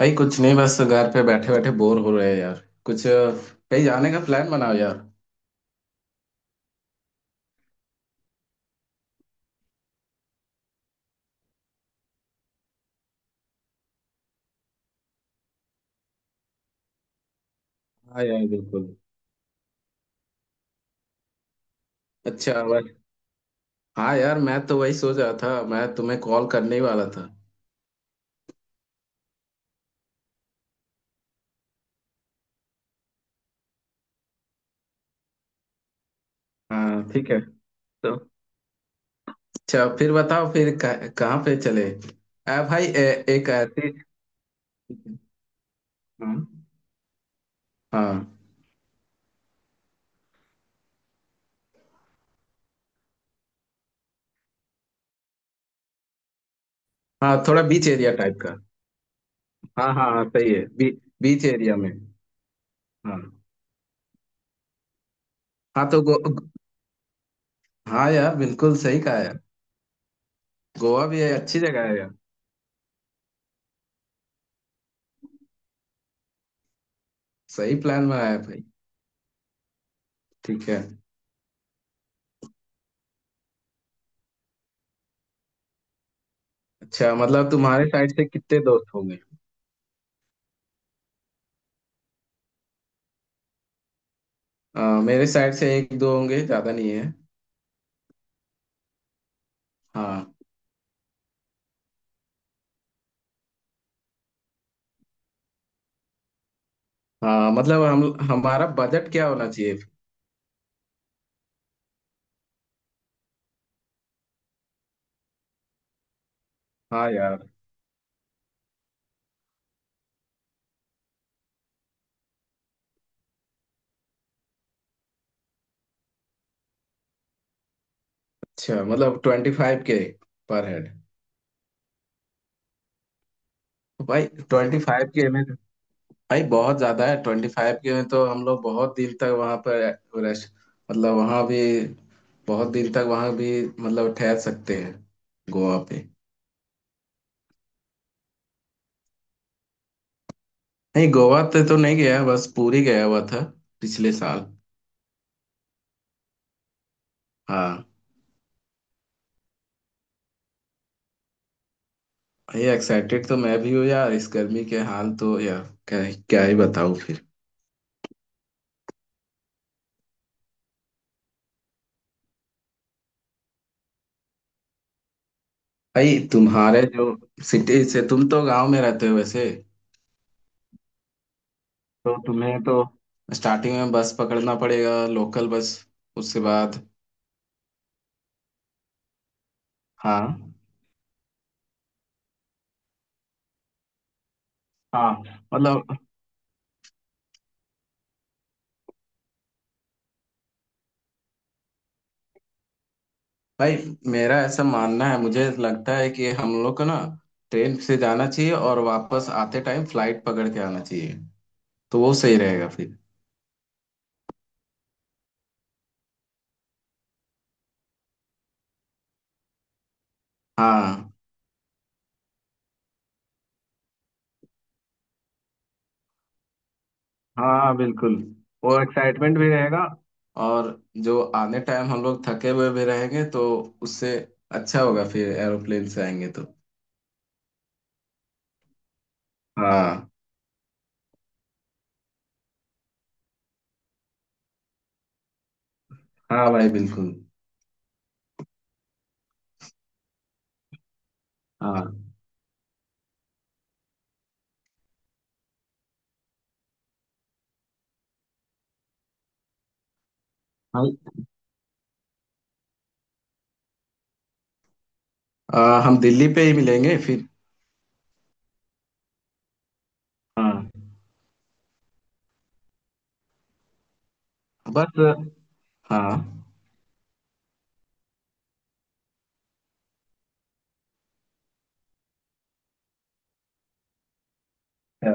भाई, कुछ नहीं। बस घर पे बैठे बैठे बोर हो रहे हैं यार। कुछ कहीं जाने का प्लान बनाओ यार। हाँ यार, बिल्कुल। अच्छा, बस। हाँ यार, मैं तो वही सोच रहा था, मैं तुम्हें कॉल करने ही वाला था। हाँ, ठीक है। तो अच्छा, फिर बताओ, फिर कहाँ पे चले? भाई, एक ऐसी। हाँ, हाँ, हाँ, थोड़ा बीच एरिया टाइप का। हाँ, हाँ, हाँ, सही है। बीच एरिया में। हाँ। हाँ, हाँ यार, बिल्कुल सही कहा यार। गोवा भी है, अच्छी जगह है यार। सही प्लान बनाया भाई। ठीक है। अच्छा, मतलब तुम्हारे साइड से कितने दोस्त होंगे? मेरे साइड से एक दो होंगे, ज्यादा नहीं है। हाँ। हाँ, मतलब हम हमारा बजट क्या होना चाहिए? हाँ यार। अच्छा, मतलब 25K पर हेड। भाई, 25K में, भाई बहुत ज्यादा है। 25K में तो हम लोग बहुत दिन तक वहां पर रेस्ट, मतलब वहां भी, बहुत दिन तक वहां भी मतलब ठहर सकते हैं गोवा पे। नहीं, गोवा पे तो नहीं गया, बस पुरी गया हुआ था पिछले साल। हाँ भाई, एक्साइटेड तो मैं भी हूँ यार। इस गर्मी के हाल तो यार क्या, क्या ही बताऊँ फिर। भाई, तुम्हारे जो सिटी से, तुम तो गांव में रहते हो वैसे। तो तुम्हें तो स्टार्टिंग में बस पकड़ना पड़ेगा, लोकल बस, उसके बाद। हाँ, हाँ, मतलब। भाई, मेरा ऐसा मानना है, मुझे लगता है कि हम लोग को ना ट्रेन से जाना चाहिए और वापस आते टाइम फ्लाइट पकड़ के आना चाहिए, तो वो सही रहेगा फिर। हाँ, हाँ, बिल्कुल। वो एक्साइटमेंट भी रहेगा, और जो आने टाइम हम लोग थके हुए भी रहेंगे, तो उससे अच्छा होगा फिर एरोप्लेन से आएंगे तो। हाँ, हाँ भाई, बिल्कुल। हाँ भाई। हम दिल्ली पे ही मिलेंगे फिर। हाँ। बस। हाँ। अच्छा।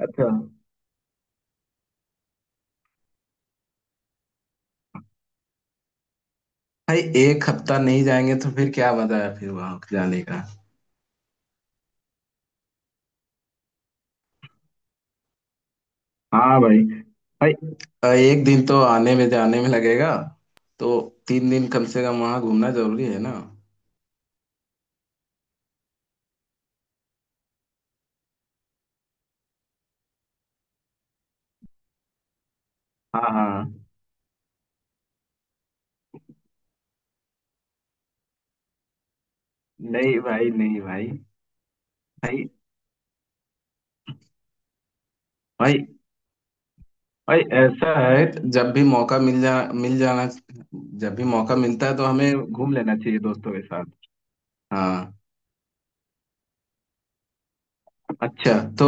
अच्छा। भाई, एक हफ्ता नहीं जाएंगे तो फिर क्या मजा है फिर वहां जाने का? हाँ भाई। भाई, एक दिन तो आने में जाने में लगेगा, तो 3 दिन कम से कम वहां घूमना जरूरी है ना। हाँ, हाँ। नहीं भाई, नहीं भाई। भाई, भाई, भाई, ऐसा है, जब भी मौका मिल जाना। जब भी मौका मिलता है तो हमें घूम लेना चाहिए दोस्तों के साथ। हाँ। अच्छा। तो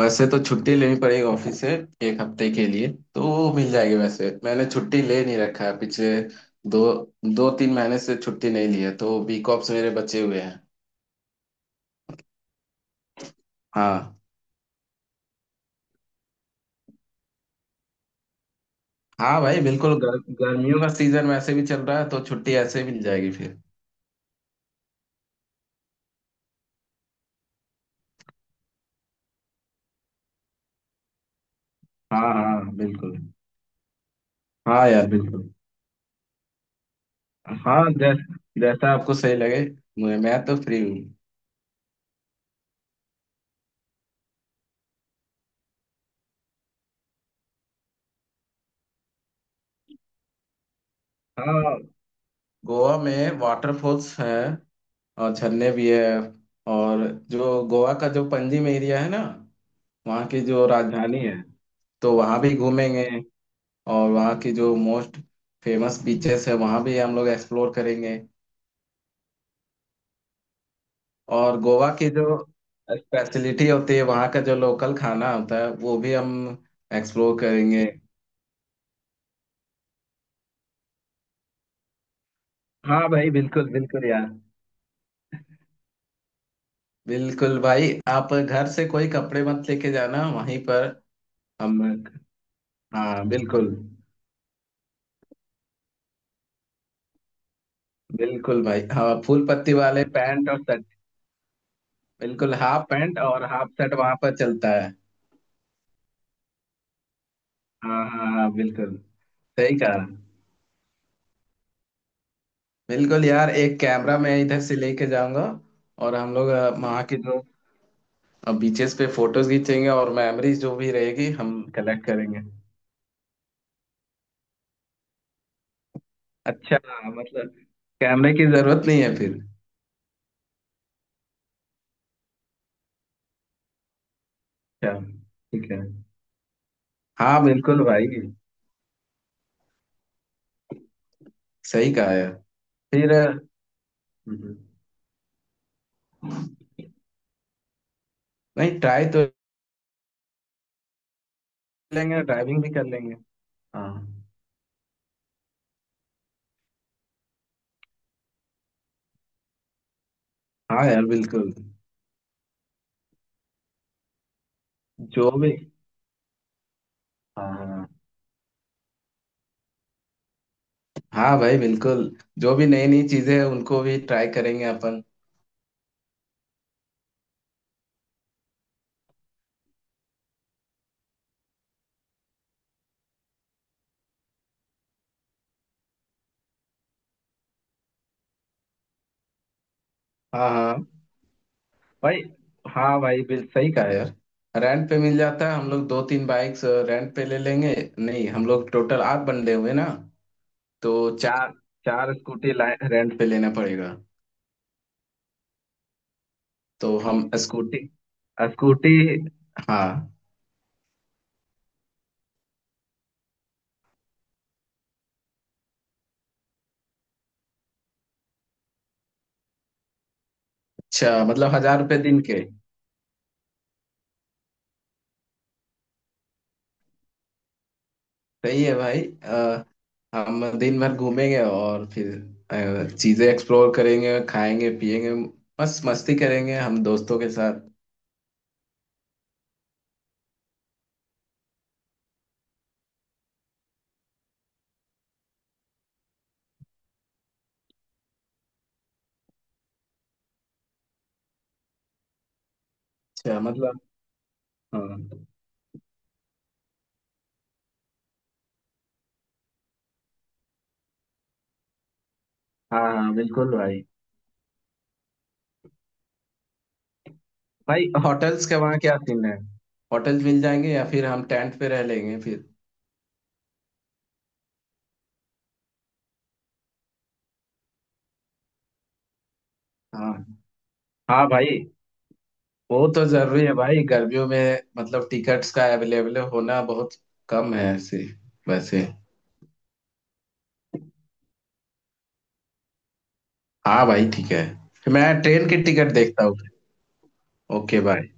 वैसे तो छुट्टी लेनी पड़ेगी ऑफिस से, एक हफ्ते के लिए। तो वो मिल जाएगी वैसे, मैंने छुट्टी ले नहीं रखा है। पिछले दो 2-3 महीने से छुट्टी नहीं ली है, तो बी कॉप्स मेरे बचे हुए हैं। हाँ। हाँ भाई, बिल्कुल। गर्मियों का सीजन वैसे भी चल रहा है, तो छुट्टी ऐसे ही मिल जाएगी फिर। हाँ, हाँ, बिल्कुल। हाँ यार, बिल्कुल। हाँ, जैसा आपको सही लगे। मैं तो फ्री हूँ। हाँ। गोवा में वाटरफॉल्स है और झरने भी है। और जो गोवा का जो पंजिम एरिया है ना, वहाँ की जो राजधानी है, तो वहाँ भी घूमेंगे। और वहाँ की जो मोस्ट फेमस बीचेस है, वहाँ भी हम लोग एक्सप्लोर करेंगे। और गोवा की जो स्पेशलिटी होती है, वहाँ का जो लोकल खाना होता है, वो भी हम एक्सप्लोर करेंगे। हाँ भाई, बिल्कुल, बिल्कुल यार। बिल्कुल भाई, आप घर से कोई कपड़े मत लेके जाना, वहीं पर। हम हाँ, बिल्कुल। बिल्कुल भाई, हाँ, फूल पत्ती वाले पैंट और शर्ट। बिल्कुल, हाफ पैंट और हाफ शर्ट वहां पर चलता है। हाँ, हाँ, हाँ, बिल्कुल। सही कहा। बिल्कुल यार, एक कैमरा मैं इधर से लेके जाऊंगा। और हम लोग वहाँ की जो बीचेस पे फोटोज खींचेंगे और मेमोरीज जो भी रहेगी हम कलेक्ट करेंगे। अच्छा, मतलब कैमरे की जरूरत नहीं है फिर। अच्छा, ठीक है। हाँ, बिल्कुल भाई। सही कहा है। फिर हम्म, नहीं, ट्राई तो लेंगे, ड्राइविंग भी कर लेंगे। हाँ। हाँ यार, बिल्कुल। जो भी। हाँ, हाँ भाई, बिल्कुल। जो भी नई नई चीजें हैं उनको भी ट्राई करेंगे अपन। हाँ, हाँ भाई। हाँ भाई, बिल सही कहा यार। रेंट पे मिल जाता है, हम लोग दो तीन बाइक्स रेंट पे ले लेंगे। नहीं, हम लोग टोटल आठ बंदे हुए ना, तो चार चार स्कूटी रेंट पे लेना पड़ेगा। तो हम स्कूटी, स्कूटी। हाँ। अच्छा, मतलब 1000 रुपए दिन के? सही है भाई। हम दिन भर घूमेंगे और फिर चीजें एक्सप्लोर करेंगे, खाएंगे पिएंगे, मस्त मस्ती करेंगे हम दोस्तों के साथ। अच्छा, मतलब। हाँ, हाँ, हाँ, बिल्कुल भाई। भाई, होटल्स का वहाँ क्या सीन है? होटल्स मिल जाएंगे या फिर हम टेंट पे रह लेंगे फिर? हाँ, हाँ भाई। वो तो जरूरी है भाई, गर्मियों में मतलब टिकट्स का अवेलेबल होना बहुत कम है ऐसे। वैसे। हाँ भाई, ठीक है, मैं ट्रेन की टिकट देखता हूँ। Okay, bye.